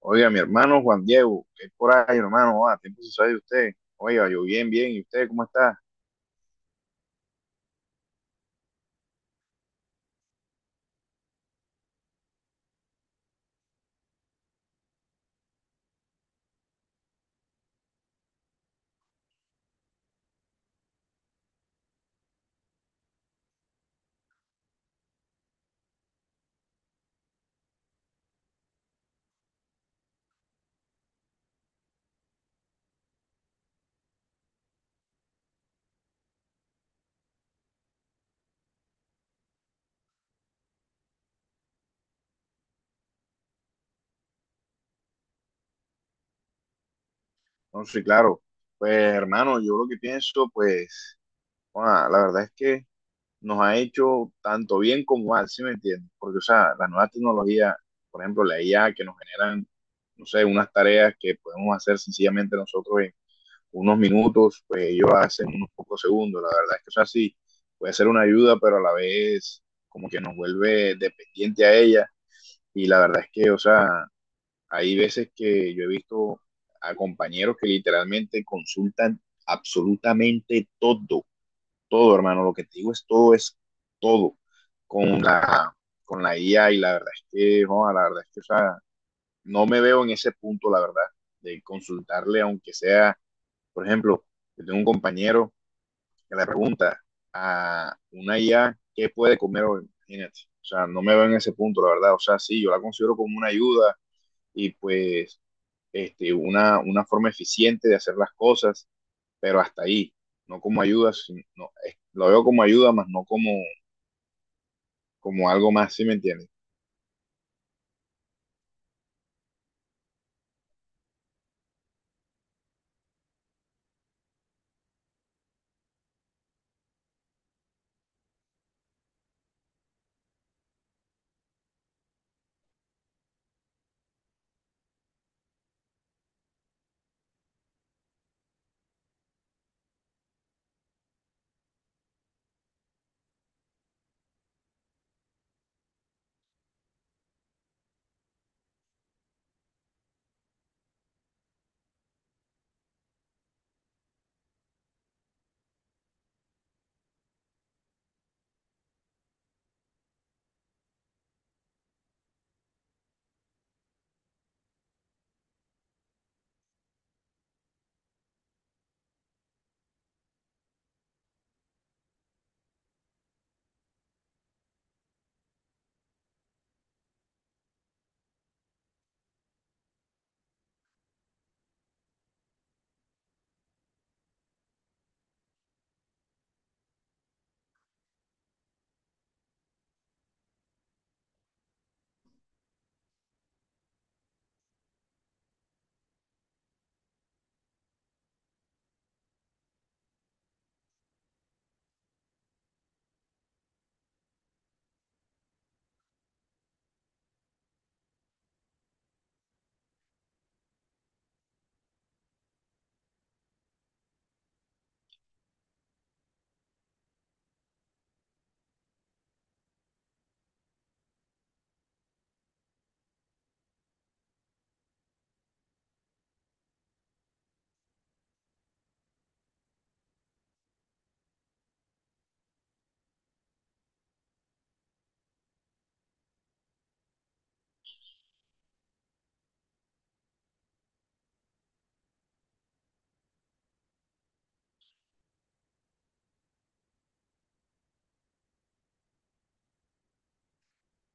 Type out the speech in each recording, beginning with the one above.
Oiga, mi hermano Juan Diego, ¿qué es por ahí, hermano? Tiempo se sabe de usted. Oiga, yo bien, bien. ¿Y usted cómo está? No, sí, claro. Pues, hermano, yo lo que pienso, pues, la verdad es que nos ha hecho tanto bien como mal, ¿sí me entiendes? Porque, o sea, las nuevas tecnologías, por ejemplo, la IA que nos generan, no sé, unas tareas que podemos hacer sencillamente nosotros en unos minutos, pues ellos hacen unos pocos segundos. La verdad es que, o sea, sí, puede ser una ayuda, pero a la vez como que nos vuelve dependiente a ella. Y la verdad es que, o sea, hay veces que yo he visto a compañeros que literalmente consultan absolutamente todo, todo, hermano. Lo que te digo es todo con la, con la IA, y la verdad es que, no, la verdad es que, o sea, no me veo en ese punto, la verdad, de consultarle, aunque sea, por ejemplo, yo tengo un compañero que le pregunta a una IA qué puede comer hoy, imagínate. O sea, no me veo en ese punto, la verdad. O sea, sí, yo la considero como una ayuda, y pues una forma eficiente de hacer las cosas, pero hasta ahí, no como ayuda, no, lo veo como ayuda, más no como, como algo más, ¿sí me entiendes?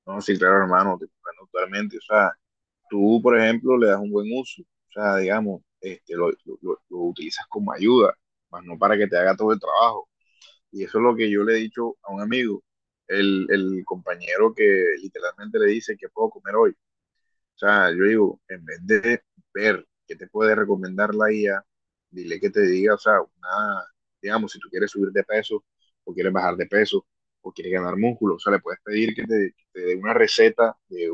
No, sí, claro, hermano, te comprendo totalmente. O sea, tú, por ejemplo, le das un buen uso, o sea, digamos, lo utilizas como ayuda, más no para que te haga todo el trabajo, y eso es lo que yo le he dicho a un amigo, el compañero que literalmente le dice que puedo comer hoy. O sea, yo digo, en vez de ver qué te puede recomendar la IA, dile que te diga, o sea, una, digamos, si tú quieres subir de peso o quieres bajar de peso o quieres ganar músculo, o sea, le puedes pedir que que te dé una receta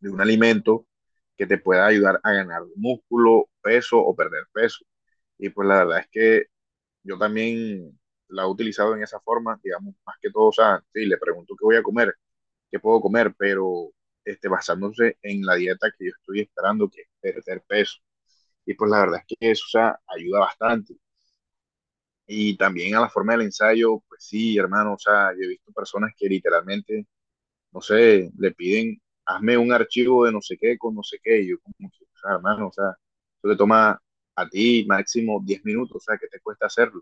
de un alimento que te pueda ayudar a ganar músculo, peso o perder peso. Y pues la verdad es que yo también la he utilizado en esa forma, digamos, más que todo. O sea, sí, le pregunto qué voy a comer, que puedo comer, pero basándose en la dieta que yo estoy esperando, que es perder peso. Y pues la verdad es que eso, o sea, ayuda bastante. Y también a la forma del ensayo, pues sí, hermano, o sea, yo he visto personas que literalmente, no sé, le piden, hazme un archivo de no sé qué con no sé qué, y yo como que, o sea, hermano, o sea, eso te toma a ti máximo 10 minutos. O sea, que te cuesta hacerlo.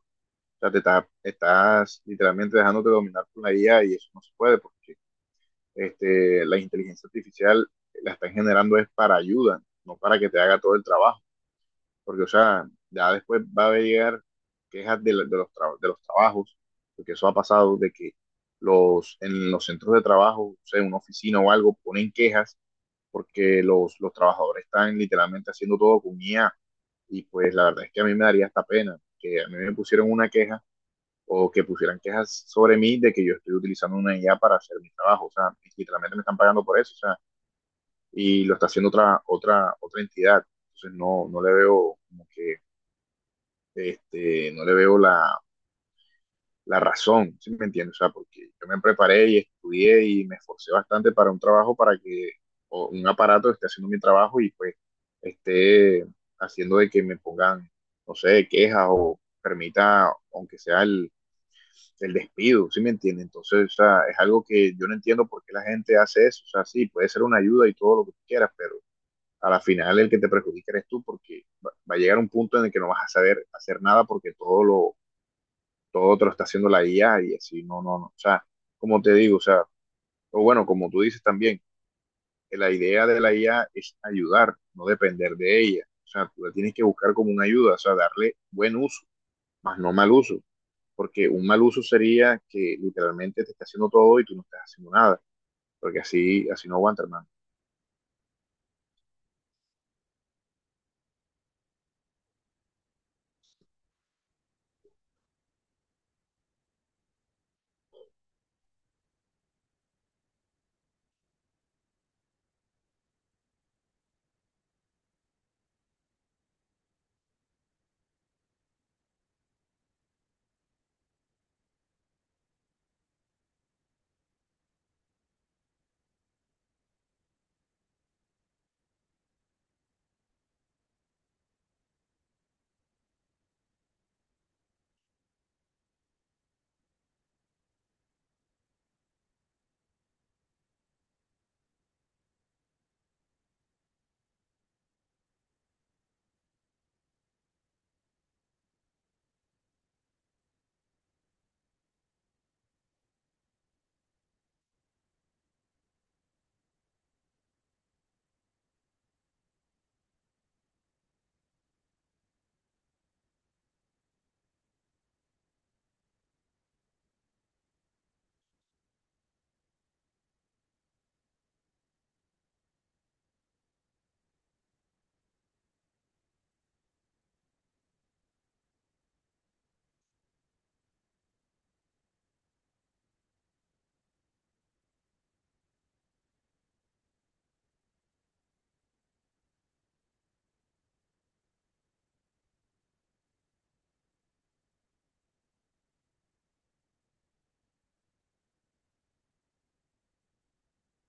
O sea, estás literalmente dejándote dominar por la guía y eso no se puede porque la inteligencia artificial la están generando es para ayuda, no para que te haga todo el trabajo, porque, o sea, ya después va a llegar quejas de de los trabajos, porque eso ha pasado, de que en los centros de trabajo, o sea, en una oficina o algo, ponen quejas porque los trabajadores están literalmente haciendo todo con IA. Y pues la verdad es que a mí me daría esta pena que a mí me pusieron una queja o que pusieran quejas sobre mí de que yo estoy utilizando una IA para hacer mi trabajo. O sea, literalmente me están pagando por eso, o sea, y lo está haciendo otra entidad. Entonces no, no le veo como que, no le veo la razón, ¿sí me entiendes? O sea, porque yo me preparé y estudié y me esforcé bastante para un trabajo para que o un aparato esté haciendo mi trabajo y pues esté haciendo de que me pongan, no sé, quejas o permita, aunque sea el despido, ¿sí me entiende? Entonces, o sea, es algo que yo no entiendo por qué la gente hace eso. O sea, sí, puede ser una ayuda y todo lo que tú quieras, pero a la final el que te perjudica eres tú, porque va a llegar un punto en el que no vas a saber hacer nada, porque todo te lo está haciendo la IA, y así no, no, no. O sea, como te digo, o sea, o bueno, como tú dices también, que la idea de la IA es ayudar, no depender de ella. O sea, tú la tienes que buscar como una ayuda, o sea, darle buen uso, más no mal uso, porque un mal uso sería que literalmente te está haciendo todo y tú no estás haciendo nada, porque así, así no aguanta, hermano.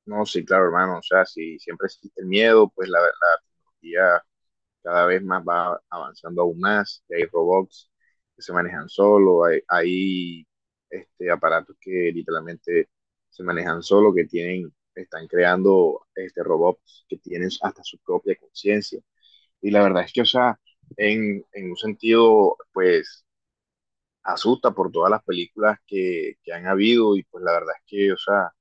No, sí, claro, hermano, o sea, si siempre existe el miedo, pues la tecnología cada vez más va avanzando aún más, y hay robots que se manejan solo, hay aparatos que literalmente se manejan solo, que tienen, están creando robots que tienen hasta su propia conciencia. Y la verdad es que, o sea, en un sentido, pues, asusta por todas las películas que han habido, y pues la verdad es que, o sea,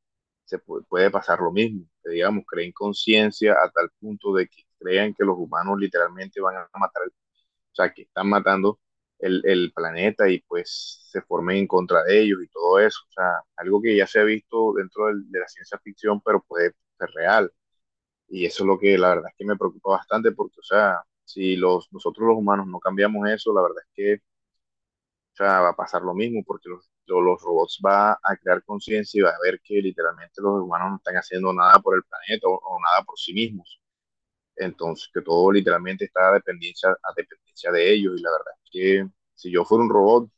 se puede, puede pasar lo mismo, que digamos, creen conciencia a tal punto de que crean que los humanos literalmente van a matar, o sea, que están matando el planeta y pues se formen en contra de ellos y todo eso, o sea, algo que ya se ha visto dentro de la ciencia ficción, pero puede ser real. Y eso es lo que la verdad es que me preocupa bastante, porque, o sea, si nosotros los humanos no cambiamos eso, la verdad es que, o sea, va a pasar lo mismo porque los robots van a crear conciencia y va a ver que literalmente los humanos no están haciendo nada por el planeta o nada por sí mismos. Entonces, que todo literalmente está a dependencia de ellos. Y la verdad es que si yo fuera un robot,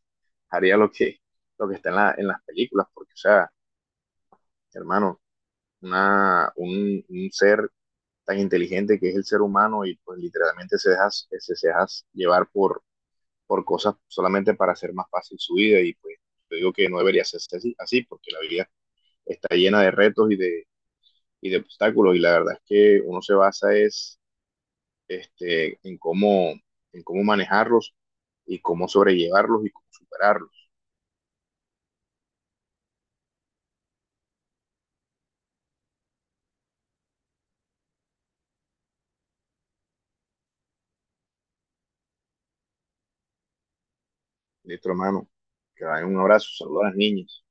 haría lo que está en, en las películas, porque, o sea, hermano, un ser tan inteligente que es el ser humano y pues literalmente se deja, se deja llevar por cosas solamente para hacer más fácil su vida, y pues yo digo que no debería ser así, así porque la vida está llena de retos y de obstáculos, y la verdad es que uno se basa es este, en, cómo, en cómo manejarlos y cómo sobrellevarlos y cómo superarlos. Listo, hermano. Que vayan, un abrazo. Saludos a las niñas.